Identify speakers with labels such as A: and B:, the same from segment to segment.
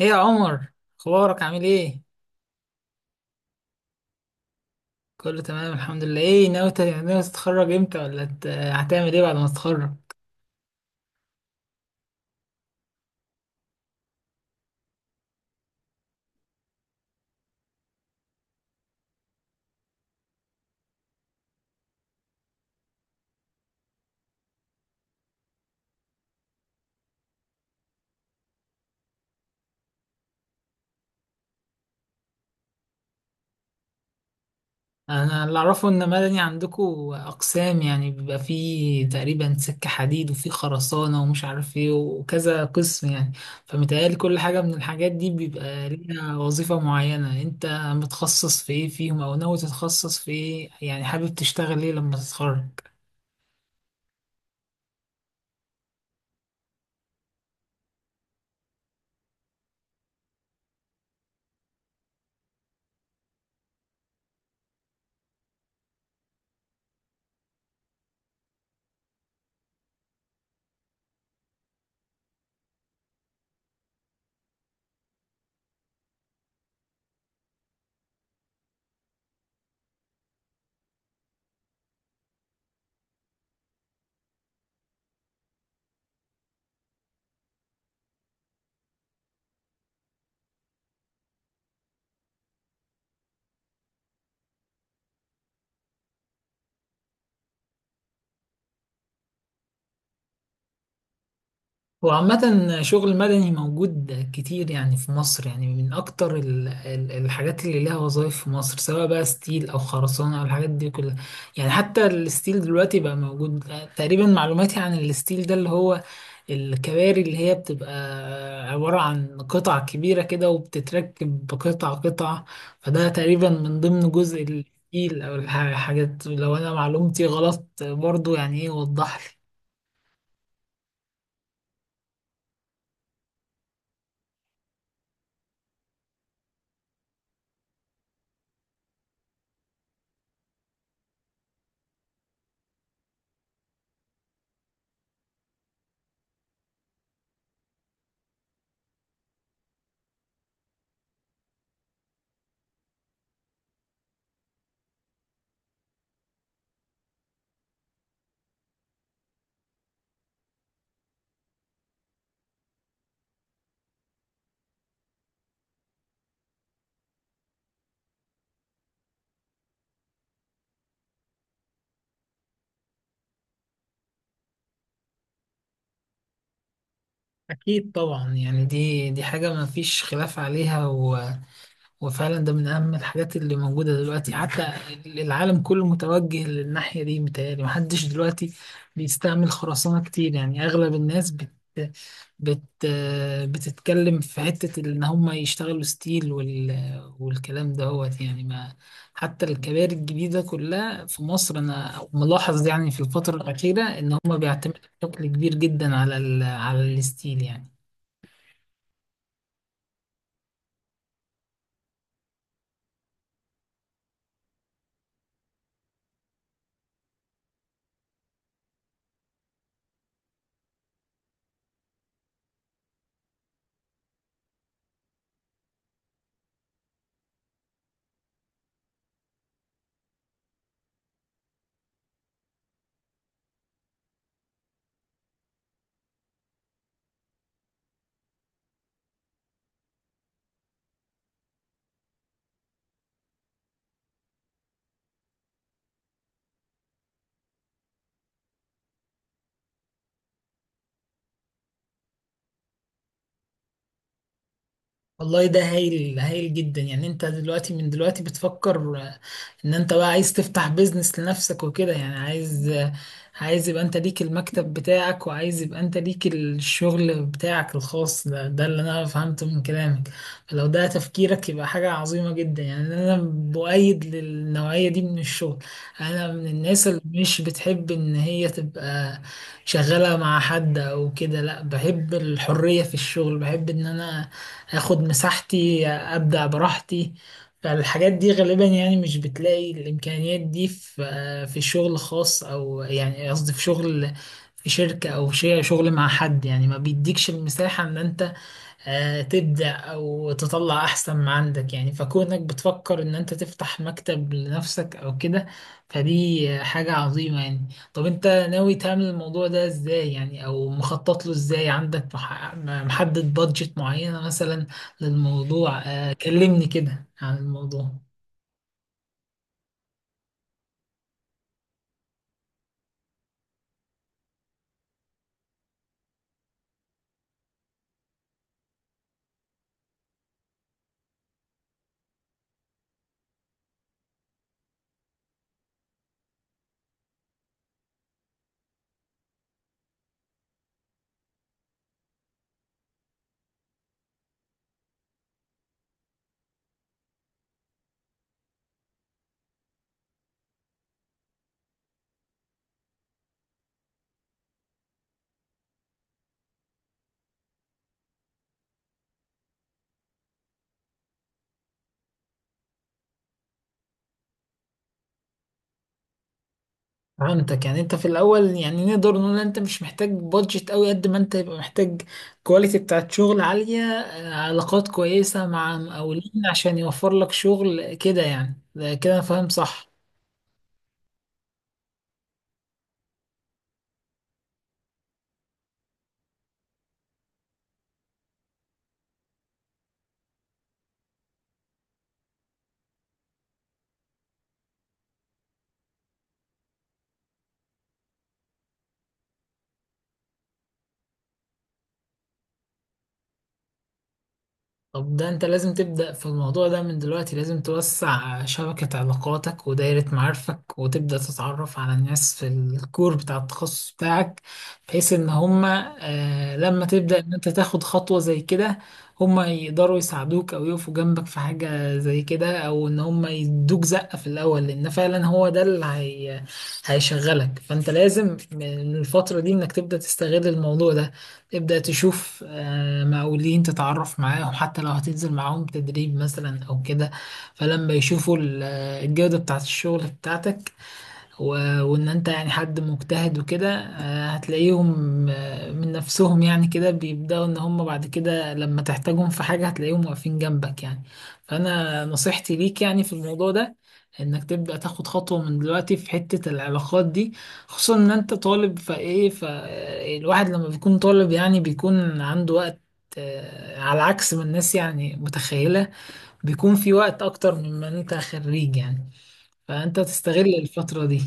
A: ايه يا عمر، اخبارك عامل ايه؟ كله تمام الحمد لله. ايه ناوي ناوي تتخرج امتى، ولا هتعمل ايه بعد ما تتخرج؟ انا اللي اعرفه ان مدني عندكو اقسام، يعني بيبقى فيه تقريبا سكة حديد وفيه خرسانة ومش عارف ايه وكذا قسم يعني. فمتهيألي كل حاجة من الحاجات دي بيبقى ليها وظيفة معينة. انت متخصص في ايه فيهم او ناوي تتخصص في ايه؟ يعني حابب تشتغل ايه لما تتخرج؟ هو عامة شغل مدني موجود كتير يعني في مصر، يعني من أكتر الحاجات اللي لها وظائف في مصر، سواء بقى ستيل أو خرسانة أو الحاجات دي كلها. يعني حتى الستيل دلوقتي بقى موجود. تقريبا معلوماتي عن الستيل ده اللي هو الكباري، اللي هي بتبقى عبارة عن قطع كبيرة كده وبتتركب قطعة قطعة. فده تقريبا من ضمن جزء الستيل أو الحاجات، لو أنا معلومتي غلط برضو يعني إيه وضح. أكيد طبعا، يعني دي حاجة ما فيش خلاف عليها وفعلا ده من أهم الحاجات اللي موجودة دلوقتي. حتى العالم كله متوجه للناحية دي. متهيألي محدش دلوقتي بيستعمل خرسانة كتير، يعني أغلب الناس بت... بت... بتتكلم في حتة إن هم يشتغلوا ستيل والكلام دهوت يعني ما. حتى الكباري الجديدة كلها في مصر أنا ملاحظ يعني في الفترة الأخيرة إن هم بيعتمدوا بشكل كبير جدا على الستيل يعني. والله ده هايل، هايل جدا. يعني انت دلوقتي من دلوقتي بتفكر ان انت بقى عايز تفتح بيزنس لنفسك وكده، يعني عايز يبقى انت ليك المكتب بتاعك، وعايز يبقى انت ليك الشغل بتاعك الخاص، ده ده اللي انا فهمته من كلامك. فلو ده تفكيرك يبقى حاجة عظيمة جدا. يعني انا بؤيد للنوعية دي من الشغل. انا من الناس اللي مش بتحب ان هي تبقى شغالة مع حد او كده. لا، بحب الحرية في الشغل، بحب ان انا اخد مساحتي ابدع براحتي. فالحاجات دي غالبا يعني مش بتلاقي الامكانيات دي في في شغل خاص، او يعني قصدي في شغل في شركة او شيء، شغل مع حد يعني ما بيديكش المساحة ان انت تبدع وتطلع أحسن ما عندك. يعني فكونك بتفكر إن أنت تفتح مكتب لنفسك أو كده، فدي حاجة عظيمة يعني. طب أنت ناوي تعمل الموضوع ده إزاي؟ يعني أو مخطط له إزاي؟ عندك محدد بادجت معينة مثلا للموضوع؟ كلمني كده عن الموضوع. فهمتك. يعني انت في الاول يعني نقدر نقول ان انت مش محتاج بادجت قوي قد ما انت يبقى محتاج كواليتي بتاعت شغل عالية، علاقات كويسة مع مقاولين عشان يوفر لك شغل كده يعني. ده كده انا فاهم صح؟ طب ده انت لازم تبدأ في الموضوع ده من دلوقتي، لازم توسع شبكة علاقاتك ودايرة معارفك، وتبدأ تتعرف على الناس في الكور بتاع التخصص بتاعك، بحيث ان هما آه لما تبدأ ان انت تاخد خطوة زي كده هما يقدروا يساعدوك او يقفوا جنبك في حاجة زي كده، او ان هما يدوك زقة في الاول، لان فعلا هو ده اللي هي هيشغلك. فانت لازم من الفترة دي انك تبدأ تستغل الموضوع ده، تبدأ تشوف مقاولين تتعرف معاهم، حتى لو هتنزل معاهم تدريب مثلا أو كده. فلما يشوفوا الجودة بتاعة الشغل بتاعتك، وان انت يعني حد مجتهد وكده، هتلاقيهم من نفسهم يعني كده بيبدأوا ان هم بعد كده لما تحتاجهم في حاجة هتلاقيهم واقفين جنبك يعني. فانا نصيحتي ليك يعني في الموضوع ده انك تبدأ تاخد خطوة من دلوقتي في حتة العلاقات دي، خصوصا ان انت طالب فايه. فالواحد لما بيكون طالب يعني بيكون عنده وقت، على عكس ما الناس يعني متخيلة، بيكون في وقت اكتر مما انت خريج يعني. فانت تستغل الفترة دي.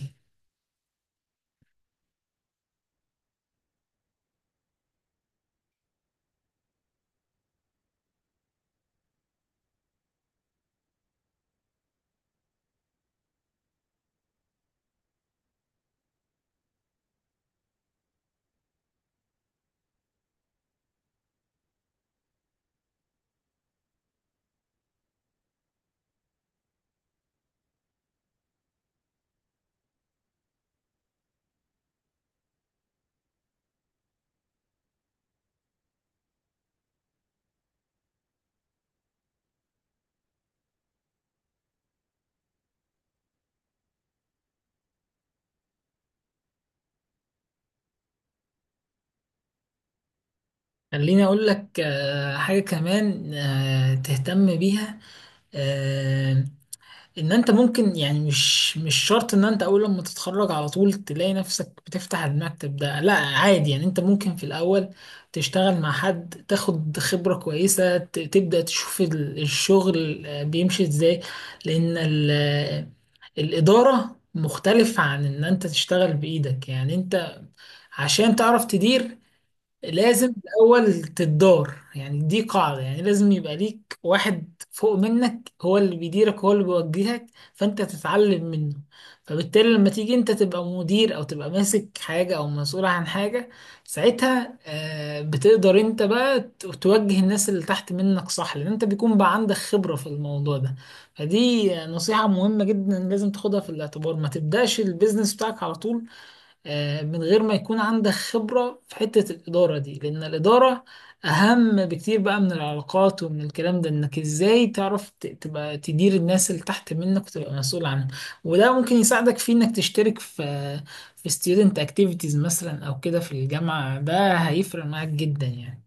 A: خليني أقول لك حاجة كمان تهتم بيها. آه، إن أنت ممكن، يعني مش شرط إن أنت أول لما تتخرج على طول تلاقي نفسك بتفتح المكتب ده، لا عادي. يعني أنت ممكن في الأول تشتغل مع حد، تاخد خبرة كويسة، تبدأ تشوف الشغل بيمشي إزاي، لأن الإدارة مختلف عن إن أنت تشتغل بإيدك. يعني أنت عشان تعرف تدير لازم الأول تدار، يعني دي قاعدة. يعني لازم يبقى ليك واحد فوق منك هو اللي بيديرك هو اللي بيوجهك، فأنت تتعلم منه. فبالتالي لما تيجي أنت تبقى مدير أو تبقى ماسك حاجة أو مسؤول عن حاجة، ساعتها بتقدر أنت بقى توجه الناس اللي تحت منك صح، لأن أنت بيكون بقى عندك خبرة في الموضوع ده. فدي نصيحة مهمة جدا لازم تاخدها في الاعتبار، ما تبدأش البيزنس بتاعك على طول من غير ما يكون عندك خبرة في حتة الإدارة دي، لأن الإدارة أهم بكتير بقى من العلاقات ومن الكلام ده. إنك إزاي تعرف تبقى تدير الناس اللي تحت منك وتبقى مسؤول عنهم، وده ممكن يساعدك في إنك تشترك في في student activities مثلا أو كده في الجامعة، ده هيفرق معاك جدا يعني.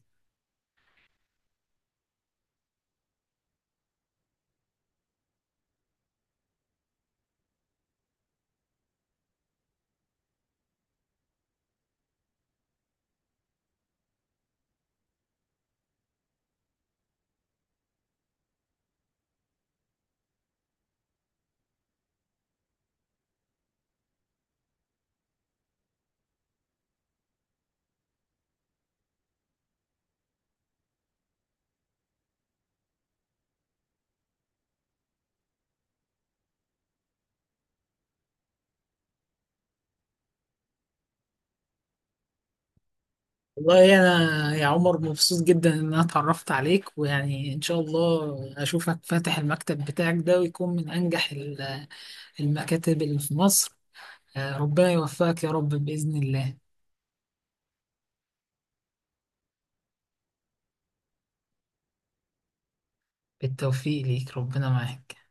A: والله أنا يا عمر مبسوط جدا إن أنا اتعرفت عليك، ويعني إن شاء الله أشوفك فاتح المكتب بتاعك ده ويكون من أنجح المكاتب اللي في مصر. ربنا يوفقك يا رب بإذن الله. بالتوفيق ليك، ربنا معاك.